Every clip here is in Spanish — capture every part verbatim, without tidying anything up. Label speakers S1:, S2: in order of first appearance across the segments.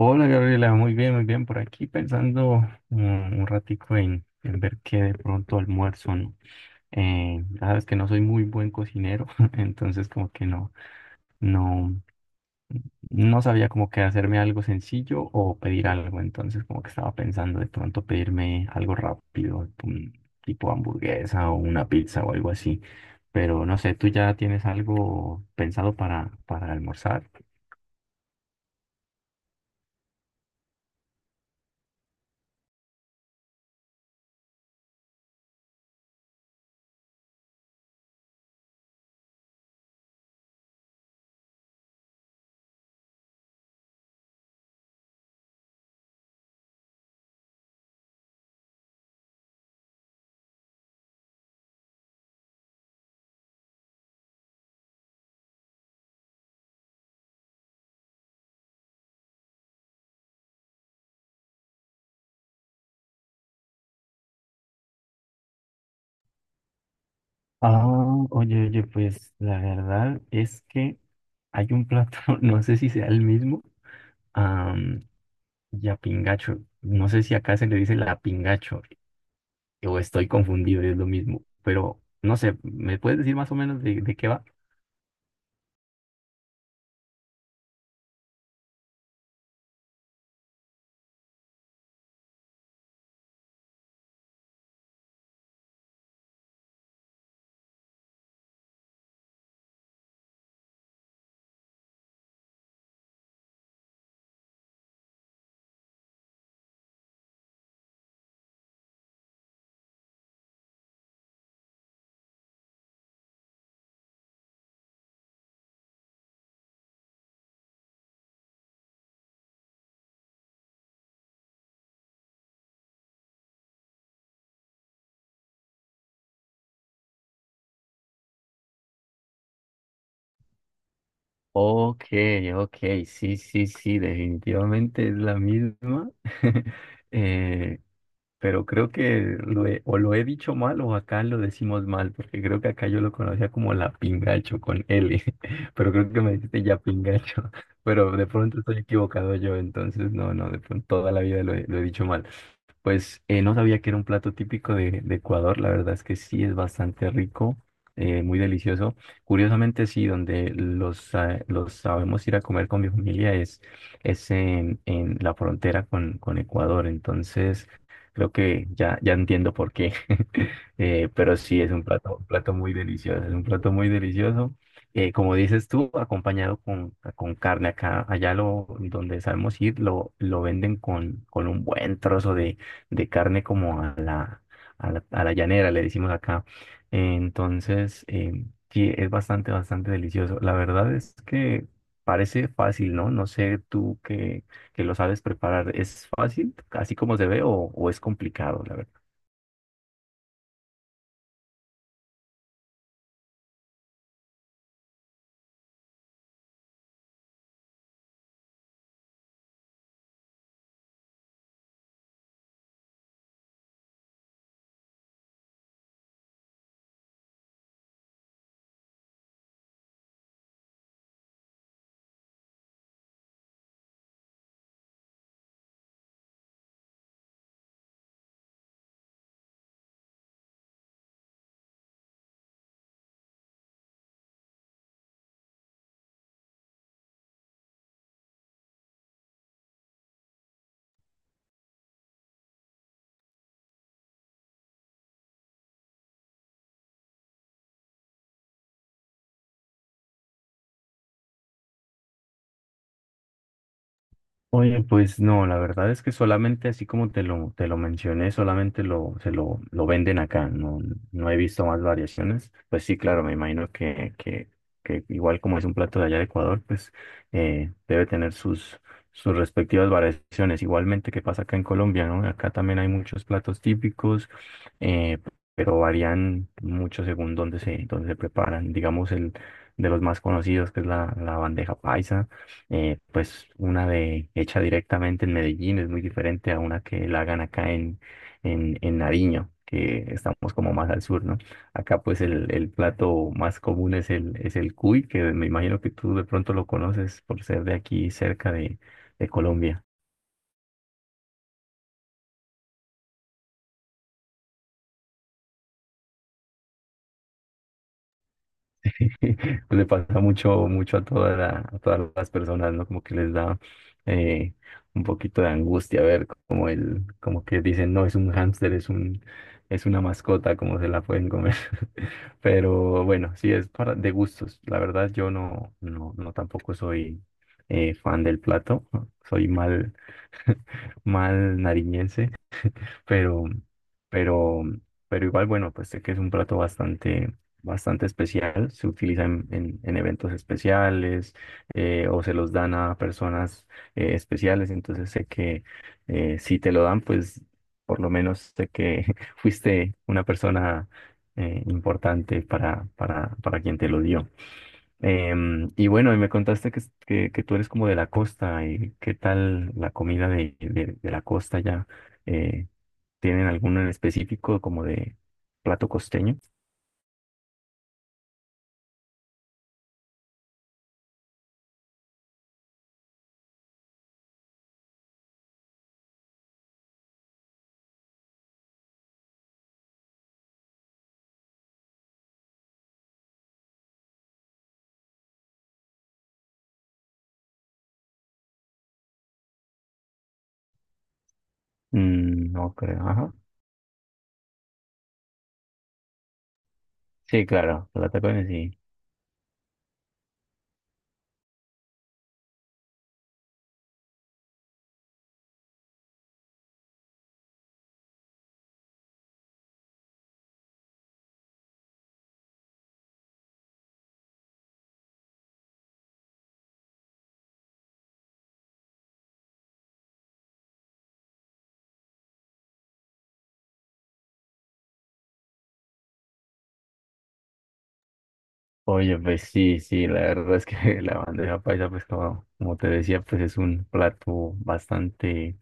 S1: Hola Gabriela, muy bien, muy bien. Por aquí pensando mm, un ratico en, en ver qué de pronto almuerzo, ¿no? Eh, ya sabes que no soy muy buen cocinero, entonces como que no, no, no sabía como que hacerme algo sencillo o pedir algo, entonces como que estaba pensando de pronto pedirme algo rápido, un tipo hamburguesa o una pizza o algo así. Pero no sé, ¿tú ya tienes algo pensado para, para almorzar? Ah, oye, oye, pues la verdad es que hay un plato, no sé si sea el mismo, am, yapingacho. No sé si acá se le dice la pingacho o estoy confundido, es lo mismo. Pero no sé, ¿me puedes decir más o menos de, de qué va? Ok, ok, sí, sí, sí, definitivamente es la misma. Eh, pero creo que lo he- o lo he dicho mal o acá lo decimos mal, porque creo que acá yo lo conocía como la pingacho con L, pero creo que me dijiste ya pingacho, pero de pronto estoy equivocado yo, entonces no, no, de pronto toda la vida lo he, lo he dicho mal. Pues eh, no sabía que era un plato típico de, de Ecuador, la verdad es que sí es bastante rico, eh, muy delicioso. Curiosamente sí, donde los, eh, los sabemos ir a comer con mi familia es, es en, en la frontera con, con Ecuador, entonces... Creo que ya, ya entiendo por qué. Eh, pero sí, es un plato, un plato muy delicioso, es un plato muy delicioso. Eh, como dices tú, acompañado con, con carne. Acá, allá lo, donde sabemos ir, lo, lo venden con, con un buen trozo de, de carne como a la, a la, a la llanera, le decimos acá. Entonces, eh, sí, es bastante, bastante delicioso. La verdad es que parece fácil, ¿no? No sé tú qué que lo sabes preparar, ¿es fácil, así como se ve, o, o es complicado, la verdad? Oye, pues no, la verdad es que solamente así como te lo, te lo mencioné, solamente lo, se lo, lo venden acá, no, no he visto más variaciones. Pues sí, claro, me imagino que, que, que igual como es un plato de allá de Ecuador, pues eh, debe tener sus, sus respectivas variaciones. Igualmente que pasa acá en Colombia, ¿no? Acá también hay muchos platos típicos, eh, pero varían mucho según dónde se, dónde se preparan. Digamos, el de los más conocidos, que es la, la bandeja paisa. Eh, pues una de hecha directamente en Medellín es muy diferente a una que la hagan acá en, en, en Nariño, que estamos como más al sur, ¿no? Acá pues el, el plato más común es el, es el cuy, que me imagino que tú de pronto lo conoces por ser de aquí cerca de, de Colombia. Le pasa mucho, mucho a toda la- a todas las personas, ¿no? Como que les da eh, un poquito de angustia ver como el, como que dicen, no, es un hámster, es un, es una mascota, como se la pueden comer. Pero bueno, sí es para de gustos. La verdad, yo no, no, no tampoco soy eh, fan del plato. Soy mal, mal nariñense, pero, pero, pero igual, bueno, pues sé que es un plato bastante, bastante especial, se utiliza en, en- en eventos especiales, eh, o se los dan a personas eh, especiales, entonces sé que eh, si te lo dan, pues por lo menos sé que fuiste una persona eh, importante para, para, para quien te lo dio. Em, y bueno, y me contaste que, es- que, que tú eres como de la costa, y qué tal la comida de, de, de la costa ya. ¿Tienen alguno en específico como de plato costeño? Mm, no creo, ajá. Sí, claro, plata costeño sí. Oye, pues sí, sí, la verdad es que la bandeja paisa, pues como, como te decía, pues es un plato bastante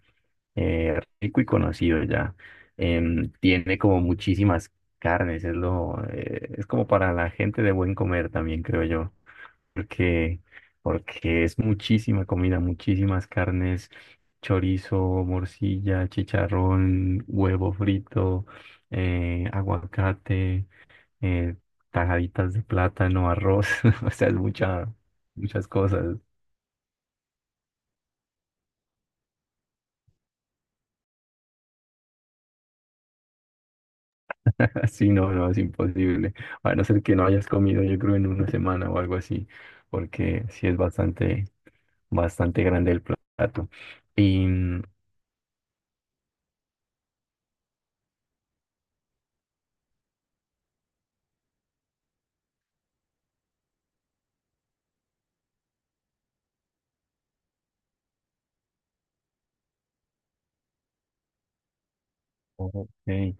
S1: eh, rico y conocido ya. Em, tiene como muchísimas carnes, es lo, eh, es como para la gente de buen comer también, creo yo. porque, porque es muchísima comida, muchísimas carnes, chorizo, morcilla, chicharrón, huevo frito, eh, aguacate, eh, tajaditas de plátano, arroz, o sea, es mucha, muchas cosas. Sí, no, no, es imposible. A no ser que no hayas comido, yo creo, en una semana o algo así, porque sí es bastante, bastante grande el plato. Y, ok.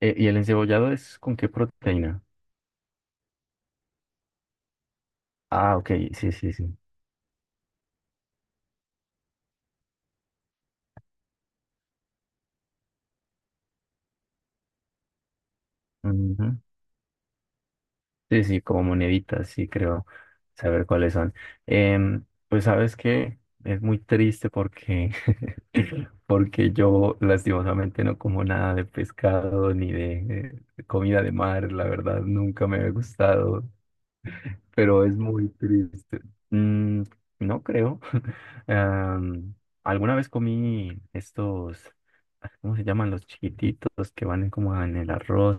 S1: Eh, ¿y el encebollado es con qué proteína? Ah, ok, sí, sí, sí. Ujú. Sí, sí, como moneditas, sí, creo saber cuáles son. Em, pues sabes que es muy triste porque, porque yo lastimosamente no como nada de pescado ni de eh, comida de mar, la verdad, nunca me ha gustado. Pero es muy triste. Mm, no creo. Am, Alguna vez comí estos, ah, ¿cómo se llaman? Los chiquititos que van como en el arroz.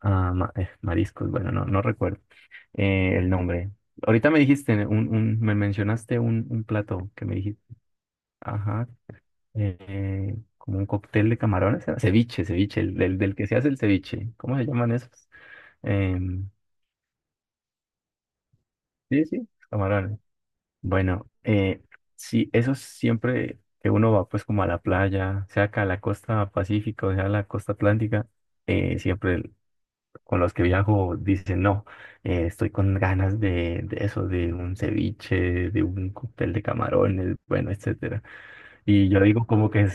S1: Ah, ma- eh, mariscos, bueno, no, no recuerdo eh, el nombre. Ahorita me dijiste, un, un, me mencionaste un, un plato que me dijiste, ajá, eh, como un cóctel de camarones, ¿era? Ceviche, ceviche, el, del del que se hace el ceviche. ¿Cómo se llaman esos? Em, sí, sí, camarones. Bueno, eh, sí, eso siempre que uno va pues como a la playa, sea acá a la costa pacífica o sea a la costa atlántica, eh, siempre el- con los que viajo dicen, no, eh, estoy con ganas de, de eso, de un ceviche, de un cóctel de camarones, bueno, etcétera. Y yo digo como que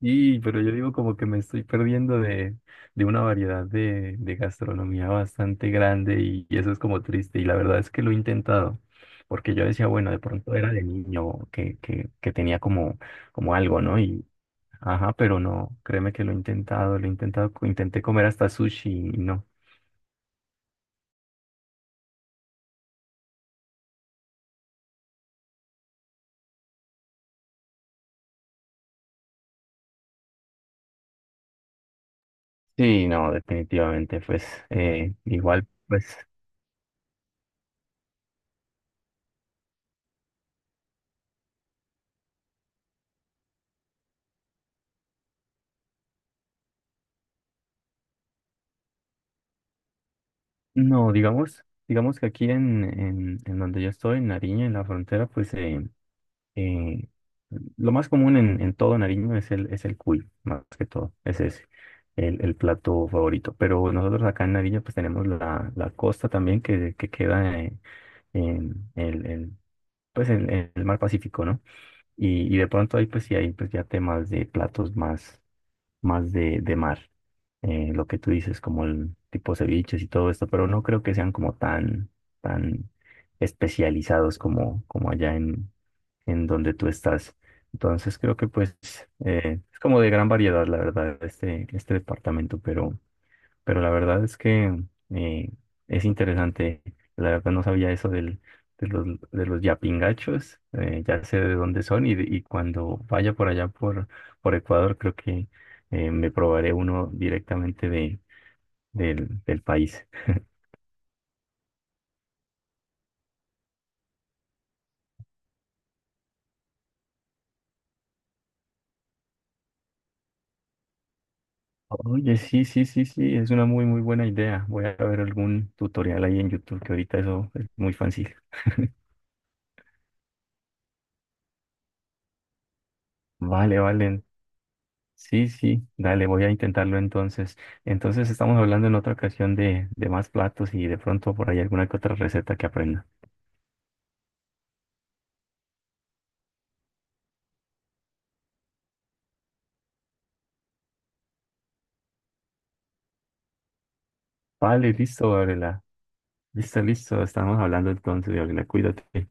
S1: y, pero yo digo como que me estoy perdiendo de, de una variedad de, de gastronomía bastante grande y, y eso es como triste. Y la verdad es que lo he intentado, porque yo decía, bueno, de pronto era de niño que, que, que tenía como, como algo, ¿no? Y, ajá, pero no, créeme que lo he intentado, lo he intentado, co- intenté comer hasta sushi y no. Sí, no, definitivamente, pues eh, igual, pues no, digamos, digamos que aquí en, en, en donde yo estoy, en Nariño, en la frontera, pues... Eh, eh, lo más común en, en todo Nariño es el, es el cuy, más que todo. Ese Es el, el plato favorito. Pero nosotros acá en Nariño pues tenemos la, la costa también que, que queda en, en el, el- pues en- en el mar Pacífico, ¿no? Y, y de pronto ahí pues sí hay pues ya temas de platos más, más de, de mar. Eh, lo que tú dices, como el tipo ceviches y todo esto, pero no creo que sean como tan, tan especializados como, como allá en donde tú estás. Entonces creo que pues eh, es como de gran variedad, la verdad, este, este departamento, pero, pero la verdad es que eh, es interesante. La verdad no sabía eso del, de los, de los yapingachos, eh, ya sé de dónde son y, y cuando vaya por allá por, por Ecuador creo que eh, me probaré uno directamente de, del, del país. Oye, sí, sí, sí, sí, es una muy, muy buena idea. Voy a ver algún tutorial ahí en YouTube, que ahorita eso es muy fácil. Vale, vale. Sí, sí, dale, voy a intentarlo entonces. Entonces estamos hablando en otra ocasión de, de más platos y de pronto por ahí alguna que otra receta que aprenda. Vale, listo, Gabriela. Listo, listo. Estamos hablando entonces, Gabriela. Cuídate.